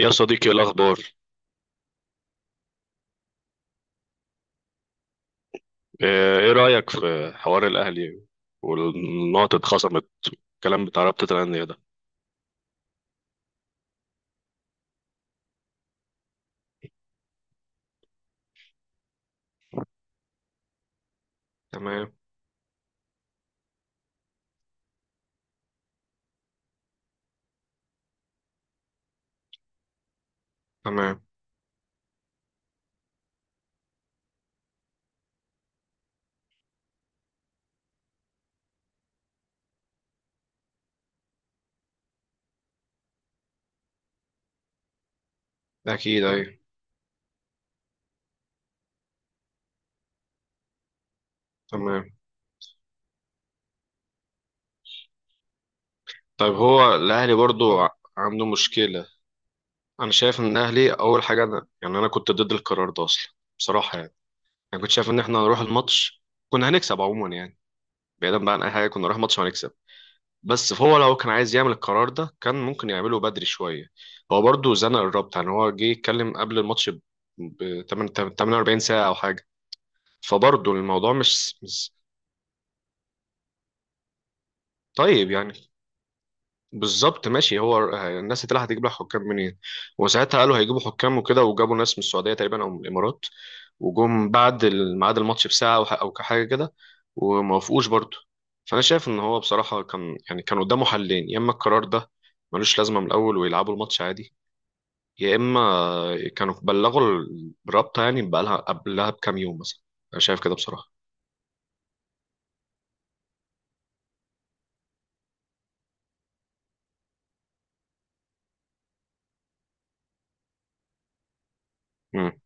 يا صديقي إيه الأخبار؟ آه، إيه رأيك في حوار الأهلي والنقط اتخصمت، الكلام بتاع رابطة الأندية ده؟ تمام. تمام. اكيد، ايوه. تمام. طيب هو الاهلي برضو عنده مشكله؟ انا شايف ان الاهلي اول حاجه، انا كنت ضد القرار ده اصلا، بصراحه يعني. انا كنت شايف ان احنا هنروح الماتش، كنا هنكسب عموما يعني، بعيدا بقى عن اي حاجه كنا نروح ماتش وهنكسب. بس فهو لو كان عايز يعمل القرار ده كان ممكن يعمله بدري شوية. هو برضه زنق الرابطة، يعني هو جه يتكلم قبل الماتش 48 ساعة أو حاجة. فبرضه الموضوع طيب يعني. بالظبط ماشي، هو الناس اللي هتجيب لها حكام منين؟ وساعتها قالوا هيجيبوا حكام وكده، وجابوا ناس من السعودية تقريبا أو من الإمارات. وجم بعد ميعاد الماتش بساعة أو أو حاجة كده، وموافقوش برضه. فأنا شايف إن هو بصراحة كان، يعني كان قدامه حلين: يا إما القرار ده ملوش لازمة من الأول ويلعبوا الماتش عادي، يا اما كانوا بلغوا الرابطه يعني بقالها قبلها بكام يوم مثلا. انا شايف كده بصراحه. امم.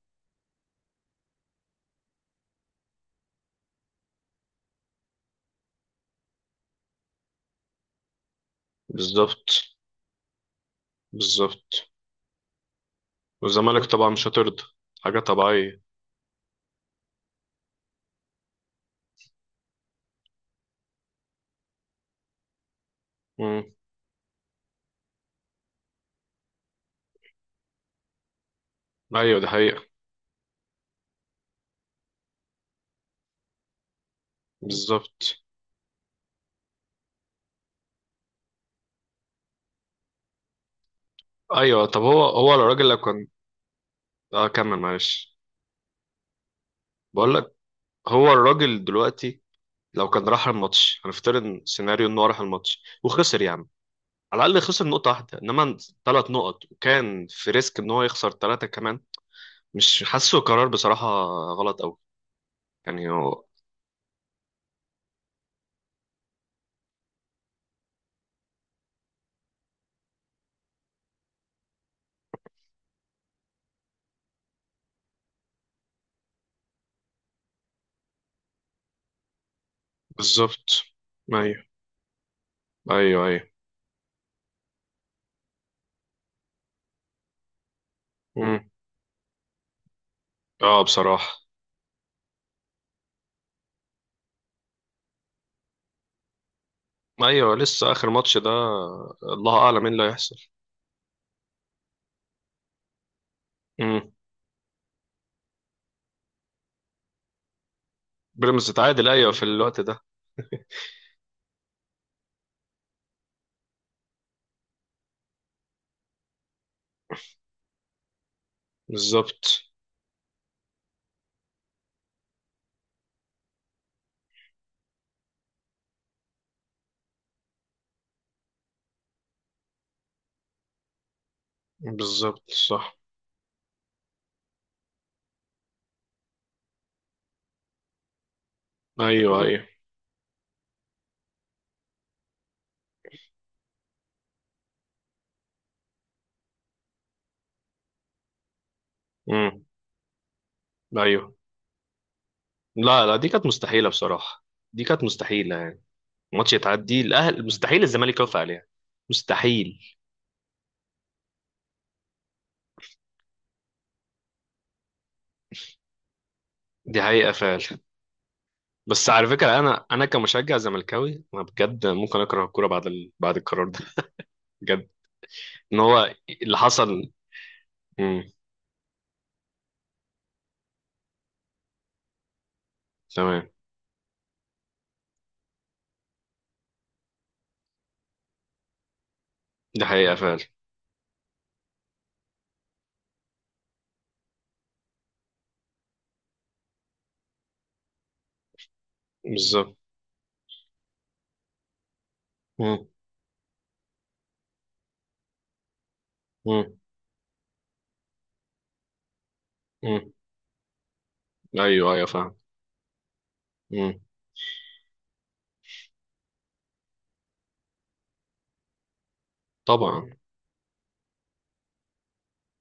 بالظبط. بالظبط. والزمالك طبعا مش هترضى، حاجه طبيعيه. امم. ايوه دي حقيقه. بالظبط. ايوه، طب هو هو الراجل لو كان. اه كمل معلش. بقول لك، هو الراجل دلوقتي لو كان راح الماتش، هنفترض سيناريو انه راح الماتش وخسر يا عم، على الاقل خسر نقطه واحده، انما ثلاث نقط وكان في ريسك ان هو يخسر ثلاثه كمان. مش حاسه قرار بصراحه، غلط قوي يعني هو. بالظبط. ايوه، ايوه، ايوه. مم. امم. اه بصراحه. ايوه لسه اخر ماتش ده، الله اعلم ايه اللي هيحصل. امم. بيراميدز اتعادل، ايوه في الوقت ده. بالظبط. بالظبط صح. ايوه ايوه. امم. ايوه. لا لا، دي كانت مستحيله بصراحه. دي كانت مستحيله يعني. ماتش يتعدي الاهل مستحيل الزمالك يوافق عليها. مستحيل. دي حقيقه فعلا. بس على فكره انا كمشجع زملكاوي انا بجد ممكن اكره الكوره بعد بعد القرار ده، بجد. ان هو اللي حصل. مم. تمام. دي حقيقة فعلا. بالظبط. مم. مم. مم. ايوه ايوه فاهم. مم. طبعا.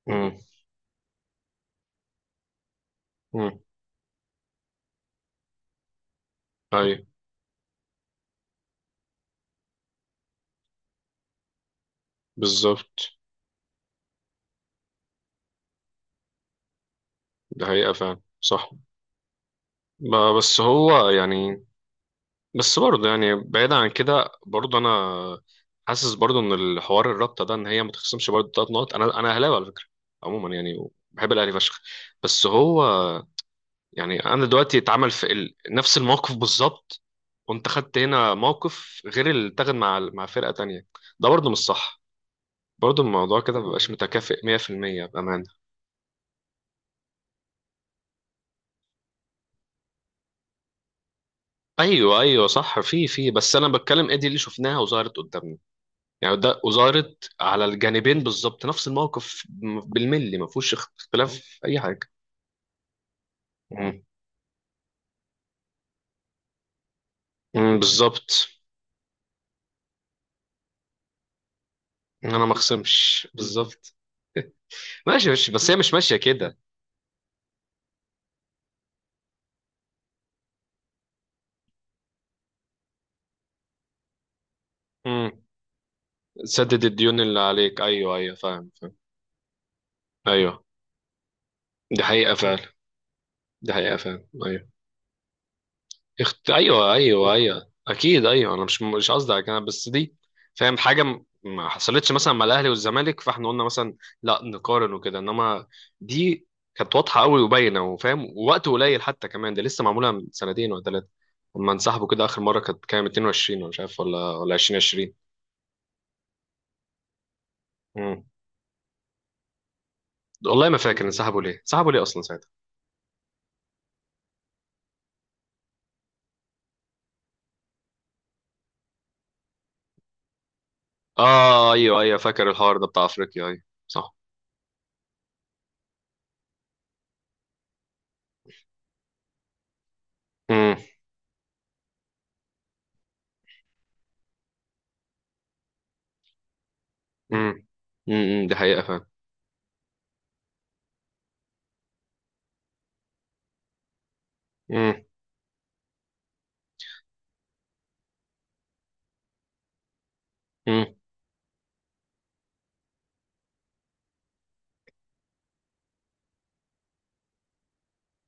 مم. مم. ايوه. بالظبط. دي حقيقة فعلا صح. بس هو يعني. بس برضه يعني بعيد عن كده برضه انا حاسس برضه ان الحوار الرابطه ده ان هي ما تخصمش برضه ثلاث نقط. انا اهلاوي على فكره، عموما يعني بحب الاهلي فشخ. بس هو. يعني انا دلوقتي اتعمل في نفس الموقف بالظبط، وانت خدت هنا موقف غير اللي اتاخد مع فرقه تانية. ده برضه مش صح، برضه الموضوع كده مبقاش متكافئ 100% بامانه. ايوه ايوه صح، في بس انا بتكلم ايه دي اللي شفناها وظهرت قدامنا، يعني ده وظهرت على الجانبين بالظبط نفس الموقف بالملي، ما فيهوش اختلاف في اي حاجه. مم. مم، بالظبط. انا ما اخصمش بالظبط. ماشي ماشي، بس هي مش ماشيه كده. مم. سدد الديون اللي عليك، ايوه ايوه فاهم. ايوه دي حقيقة فعلا. دي حقيقة فعلا ايوه. ايوه ايوه ايوه اكيد ايوه، انا مش قصدي على كده بس دي. فاهم حاجة ما حصلتش مثلا مع الاهلي والزمالك، فاحنا قلنا مثلا لا نقارن وكده، انما دي كانت واضحة قوي وباينة وفاهم، ووقت قليل حتى كمان، ده لسه معمولة من سنتين ولا ثلاثة. لما انسحبوا كده اخر مرة كانت كام؟ 22 ولا مش عارف ولا 2020؟ امم. والله ما فاكر انسحبوا ليه، انسحبوا ليه اصلا ساعتها. اه ايوه ايوه، فاكر الحوار ده بتاع افريقيا، ايوه صح. امم. دي حقيقة فعلا. امم. امم.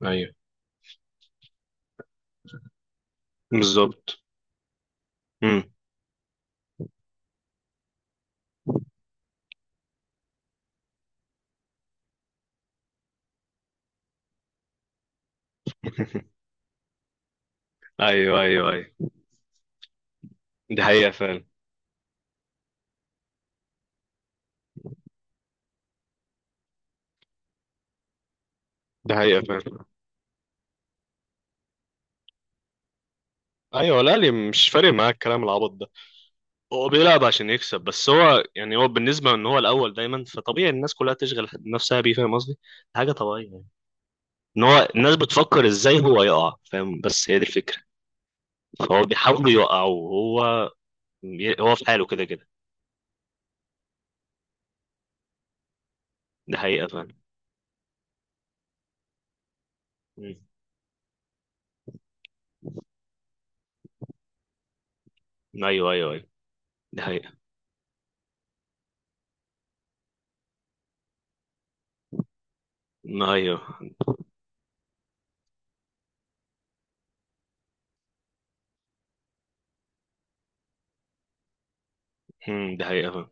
ايوه. بالظبط. امم. ايوه ايوه ايوه. دي حقيقة فعلا. دي حقيقة فعلا ايوه. لا لي مش فارق معاه الكلام العبط ده، هو بيلعب عشان يكسب بس. هو يعني هو بالنسبة ان هو الاول دايما، فطبيعي الناس كلها تشغل نفسها بيه، فاهم قصدي؟ حاجة طبيعية يعني، ان هو الناس بتفكر ازاي هو يقع، فاهم؟ بس هي دي الفكرة. فهو بيحاول يقع وهو، هو في حاله كده كده. دي حقيقة فعلا. مم. ايوه ايوه ايوه. دي حقيقة. ايوه. مم. دي حقيقة فعلا.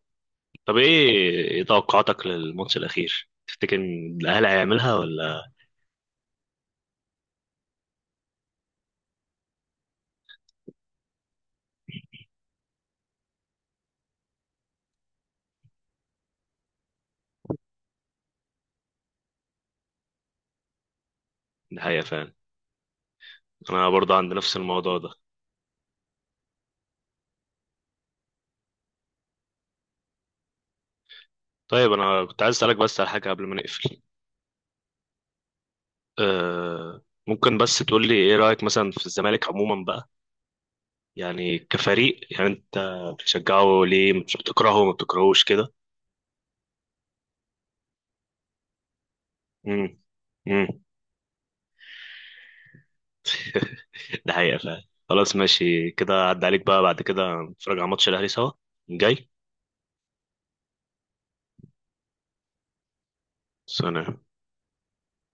طب ايه، إيه توقعاتك للماتش الاخير؟ تفتكر ان الاهلي هيعملها ولا؟ نهاية فعلا. انا برضه عندي نفس الموضوع ده. طيب انا كنت عايز اسالك بس على حاجه قبل ما نقفل. أه، ممكن بس تقول لي ايه رايك مثلا في الزمالك عموما بقى؟ يعني كفريق، يعني انت بتشجعه ليه؟ مش بتكرهه؟ ما بتكرهوش كده؟ امم. امم. ده حقيقه فعلا. خلاص ماشي كده، عدى عليك بقى، بعد كده نتفرج على ماتش الاهلي سوا جاي. سلام.